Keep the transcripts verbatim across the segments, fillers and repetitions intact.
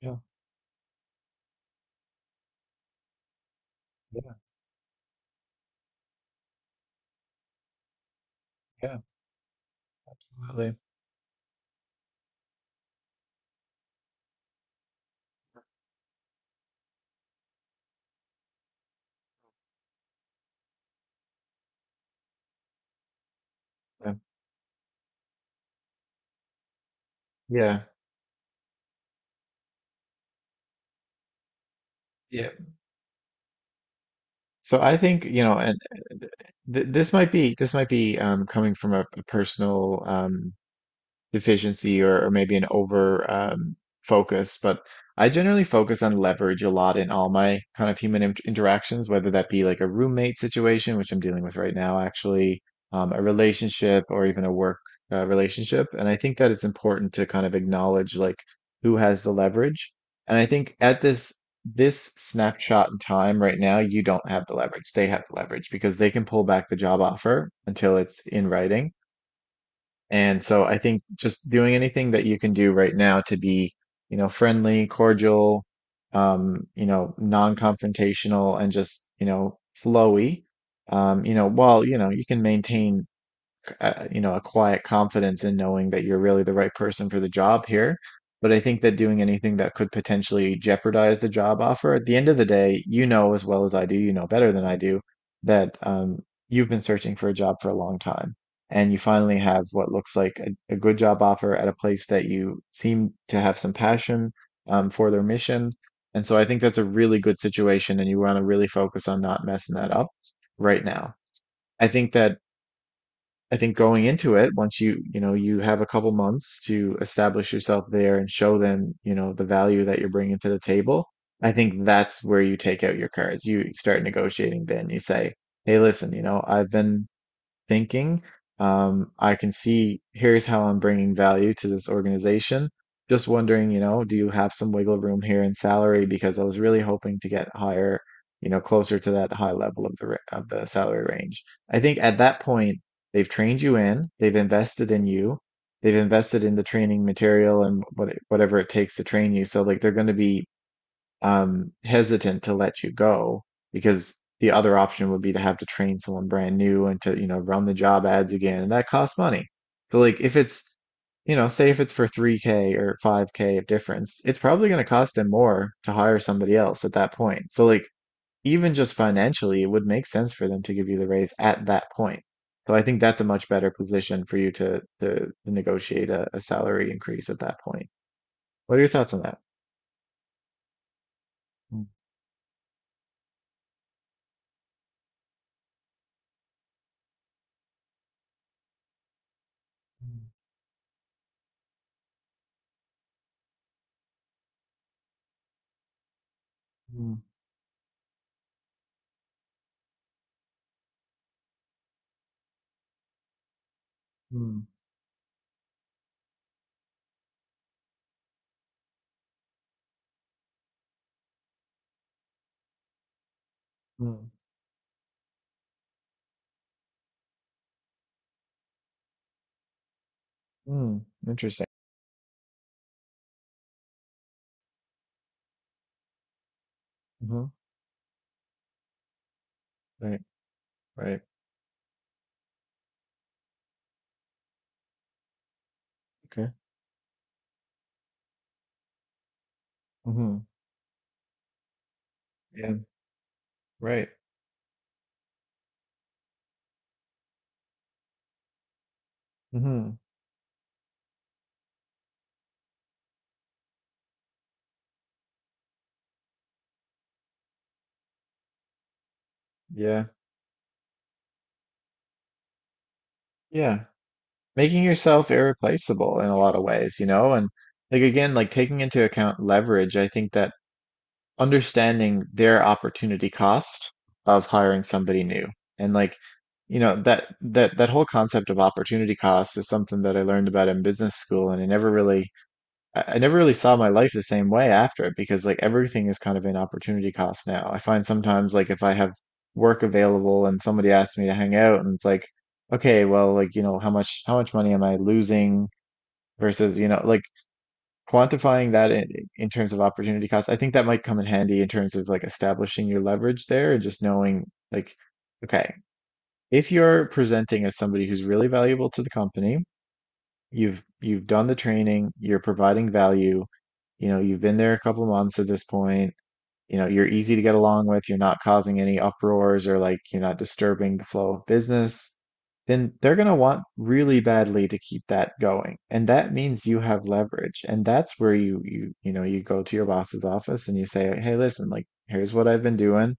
Yeah, yeah, yeah, absolutely. Yeah. Yeah. Yeah. So I think, you know, and uh, th th- this might be this might be um coming from a, a personal um deficiency, or, or maybe an over um, focus. But I generally focus on leverage a lot in all my kind of human int interactions, whether that be like a roommate situation, which I'm dealing with right now, actually, um, a relationship or even a work uh, relationship. And I think that it's important to kind of acknowledge like who has the leverage. And I think at this this snapshot in time right now, you don't have the leverage. They have the leverage because they can pull back the job offer until it's in writing. And so I think just doing anything that you can do right now to be, you know, friendly, cordial, um, you know, non-confrontational and just, you know, flowy, um, you know, while, you know, you can maintain uh, you know, a quiet confidence in knowing that you're really the right person for the job here. But I think that doing anything that could potentially jeopardize the job offer, at the end of the day, you know as well as I do, you know better than I do, that um, you've been searching for a job for a long time. And you finally have what looks like a, a good job offer at a place that you seem to have some passion um, for their mission. And so I think that's a really good situation, and you want to really focus on not messing that up right now. I think that I think going into it, once you, you know, you have a couple months to establish yourself there and show them, you know, the value that you're bringing to the table, I think that's where you take out your cards. You start negotiating then. You say, "Hey, listen, you know, I've been thinking. Um, I can see here's how I'm bringing value to this organization. Just wondering, you know, do you have some wiggle room here in salary? Because I was really hoping to get higher, you know, closer to that high level of the ra- of the salary range. I think at that point they've trained you in, they've invested in you, they've invested in the training material and what whatever it takes to train you. So like they're going to be um, hesitant to let you go because the other option would be to have to train someone brand new and to, you know, run the job ads again, and that costs money. So like if it's, you know, say if it's for three k or five k of difference, it's probably going to cost them more to hire somebody else at that point. So like even just financially, it would make sense for them to give you the raise at that point. So I think that's a much better position for you to to, to negotiate a, a salary increase at that point. What are your thoughts on that? Mm, mm, mm. Mm, mm, interesting. Mhm, right, right, okay. Mhm, yeah, right. Mhm, yeah, yeah. Making yourself irreplaceable in a lot of ways, you know, and like again, like taking into account leverage, I think that understanding their opportunity cost of hiring somebody new and like, you know, that that that whole concept of opportunity cost is something that I learned about in business school and I never really I, I never really saw my life the same way after it because like everything is kind of an opportunity cost now. I find sometimes like if I have work available and somebody asks me to hang out and it's like, okay, well, like, you know, how much how much money am I losing versus, you know, like quantifying that in, in terms of opportunity cost. I think that might come in handy in terms of like establishing your leverage there and just knowing like, okay, if you're presenting as somebody who's really valuable to the company, You've you've done the training, you're providing value, you know, you've been there a couple months at this point, you know, you're easy to get along with, you're not causing any uproars or like you're not disturbing the flow of business, then they're going to want really badly to keep that going. And that means you have leverage. And that's where you you you know, you go to your boss's office and you say, "Hey, listen, like here's what I've been doing.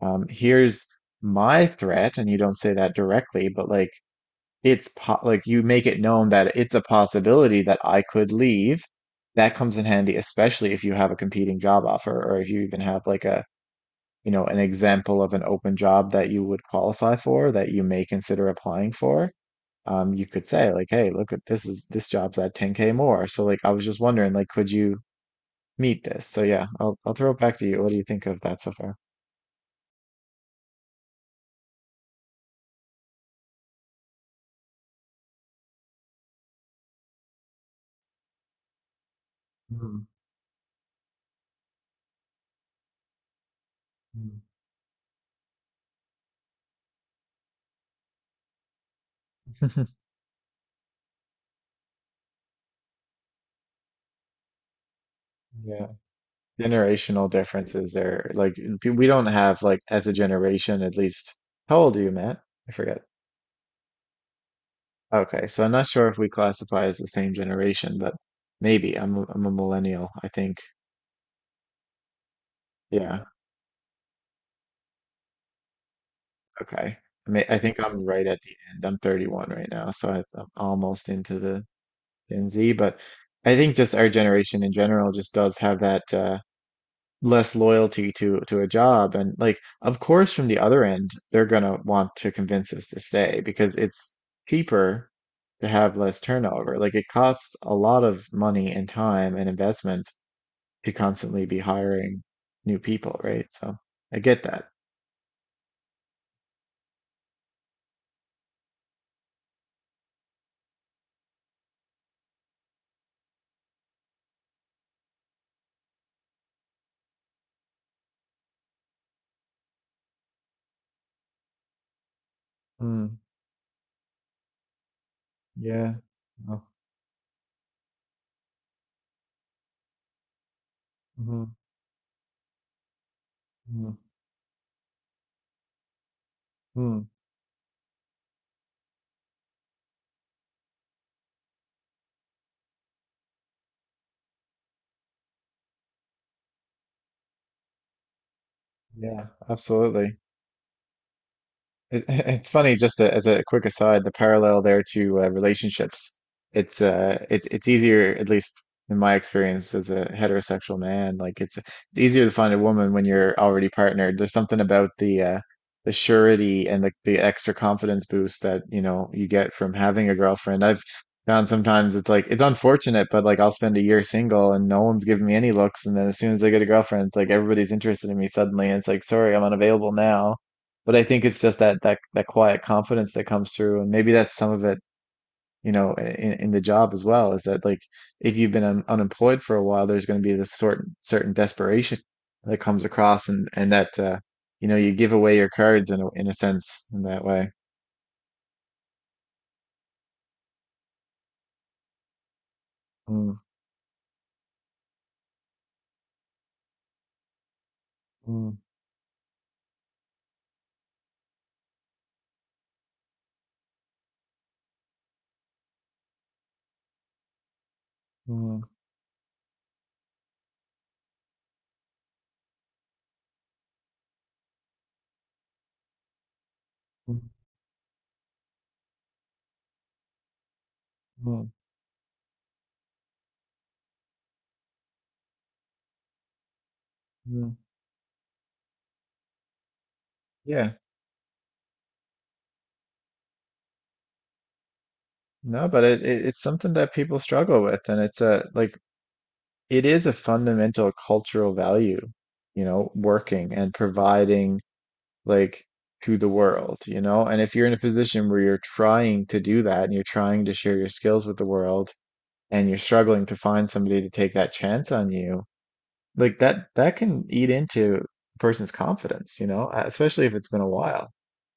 Um, here's my threat." And you don't say that directly, but like it's po like you make it known that it's a possibility that I could leave. That comes in handy, especially if you have a competing job offer or if you even have like a, you know, an example of an open job that you would qualify for that you may consider applying for. Um, you could say like, hey, look at this is this job's at ten k more. So like I was just wondering, like, could you meet this? So yeah, I'll I'll throw it back to you. What do you think of that so far? Mm, mm. Yeah. Generational differences there. Like p- we don't have like as a generation, at least. How old are you, Matt? I forget. Okay, so I'm not sure if we classify as the same generation, but maybe I'm a- I'm a millennial. I think. Yeah. Okay. I mean, I think I'm right at the end. I'm thirty-one right now, so I, I'm almost into the Gen Z. But I think just our generation in general just does have that uh, less loyalty to to a job, and like, of course, from the other end they're gonna want to convince us to stay because it's cheaper to have less turnover. Like it costs a lot of money and time and investment to constantly be hiring new people, right? So I get that. Mm, yeah. Oh, mhm, mhm, mm, yeah, absolutely. It, it's funny, just a, as a quick aside, the parallel there to uh, relationships. It's uh, it's it's easier, at least in my experience as a heterosexual man. Like it's it's easier to find a woman when you're already partnered. There's something about the uh, the surety and the the extra confidence boost that you know you get from having a girlfriend. I've found sometimes it's like it's unfortunate, but like I'll spend a year single and no one's giving me any looks, and then as soon as I get a girlfriend, it's like everybody's interested in me suddenly, and it's like, sorry, I'm unavailable now, but I think it's just that that that quiet confidence that comes through, and maybe that's some of it, you know, in, in the job as well. Is that like if you've been un unemployed for a while, there's going to be this sort certain desperation that comes across, and and that uh, you know, you give away your cards in a, in a sense in that way. Mm, mm, mm, mm, mm, mm. Yeah, no, but it, it it's something that people struggle with, and it's a like it is a fundamental cultural value, you know, working and providing like to the world, you know? And if you're in a position where you're trying to do that and you're trying to share your skills with the world and you're struggling to find somebody to take that chance on you, like that that can eat into a person's confidence, you know. Uh, especially if it's been a while.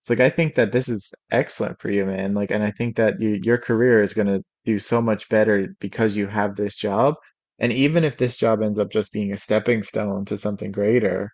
It's like I think that this is excellent for you, man. Like, and I think that you, your career is going to do so much better because you have this job. And even if this job ends up just being a stepping stone to something greater,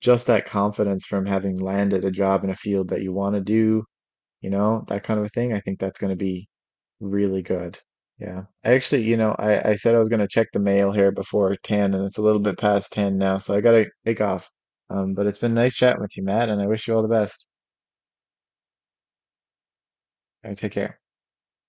just that confidence from having landed a job in a field that you want to do, you know, that kind of a thing, I think that's going to be really good. Yeah. I actually, you know, I, I said I was going to check the mail here before ten, and it's a little bit past ten now, so I got to take off. Um, but it's been nice chatting with you, Matt, and I wish you all the best. All right, take care.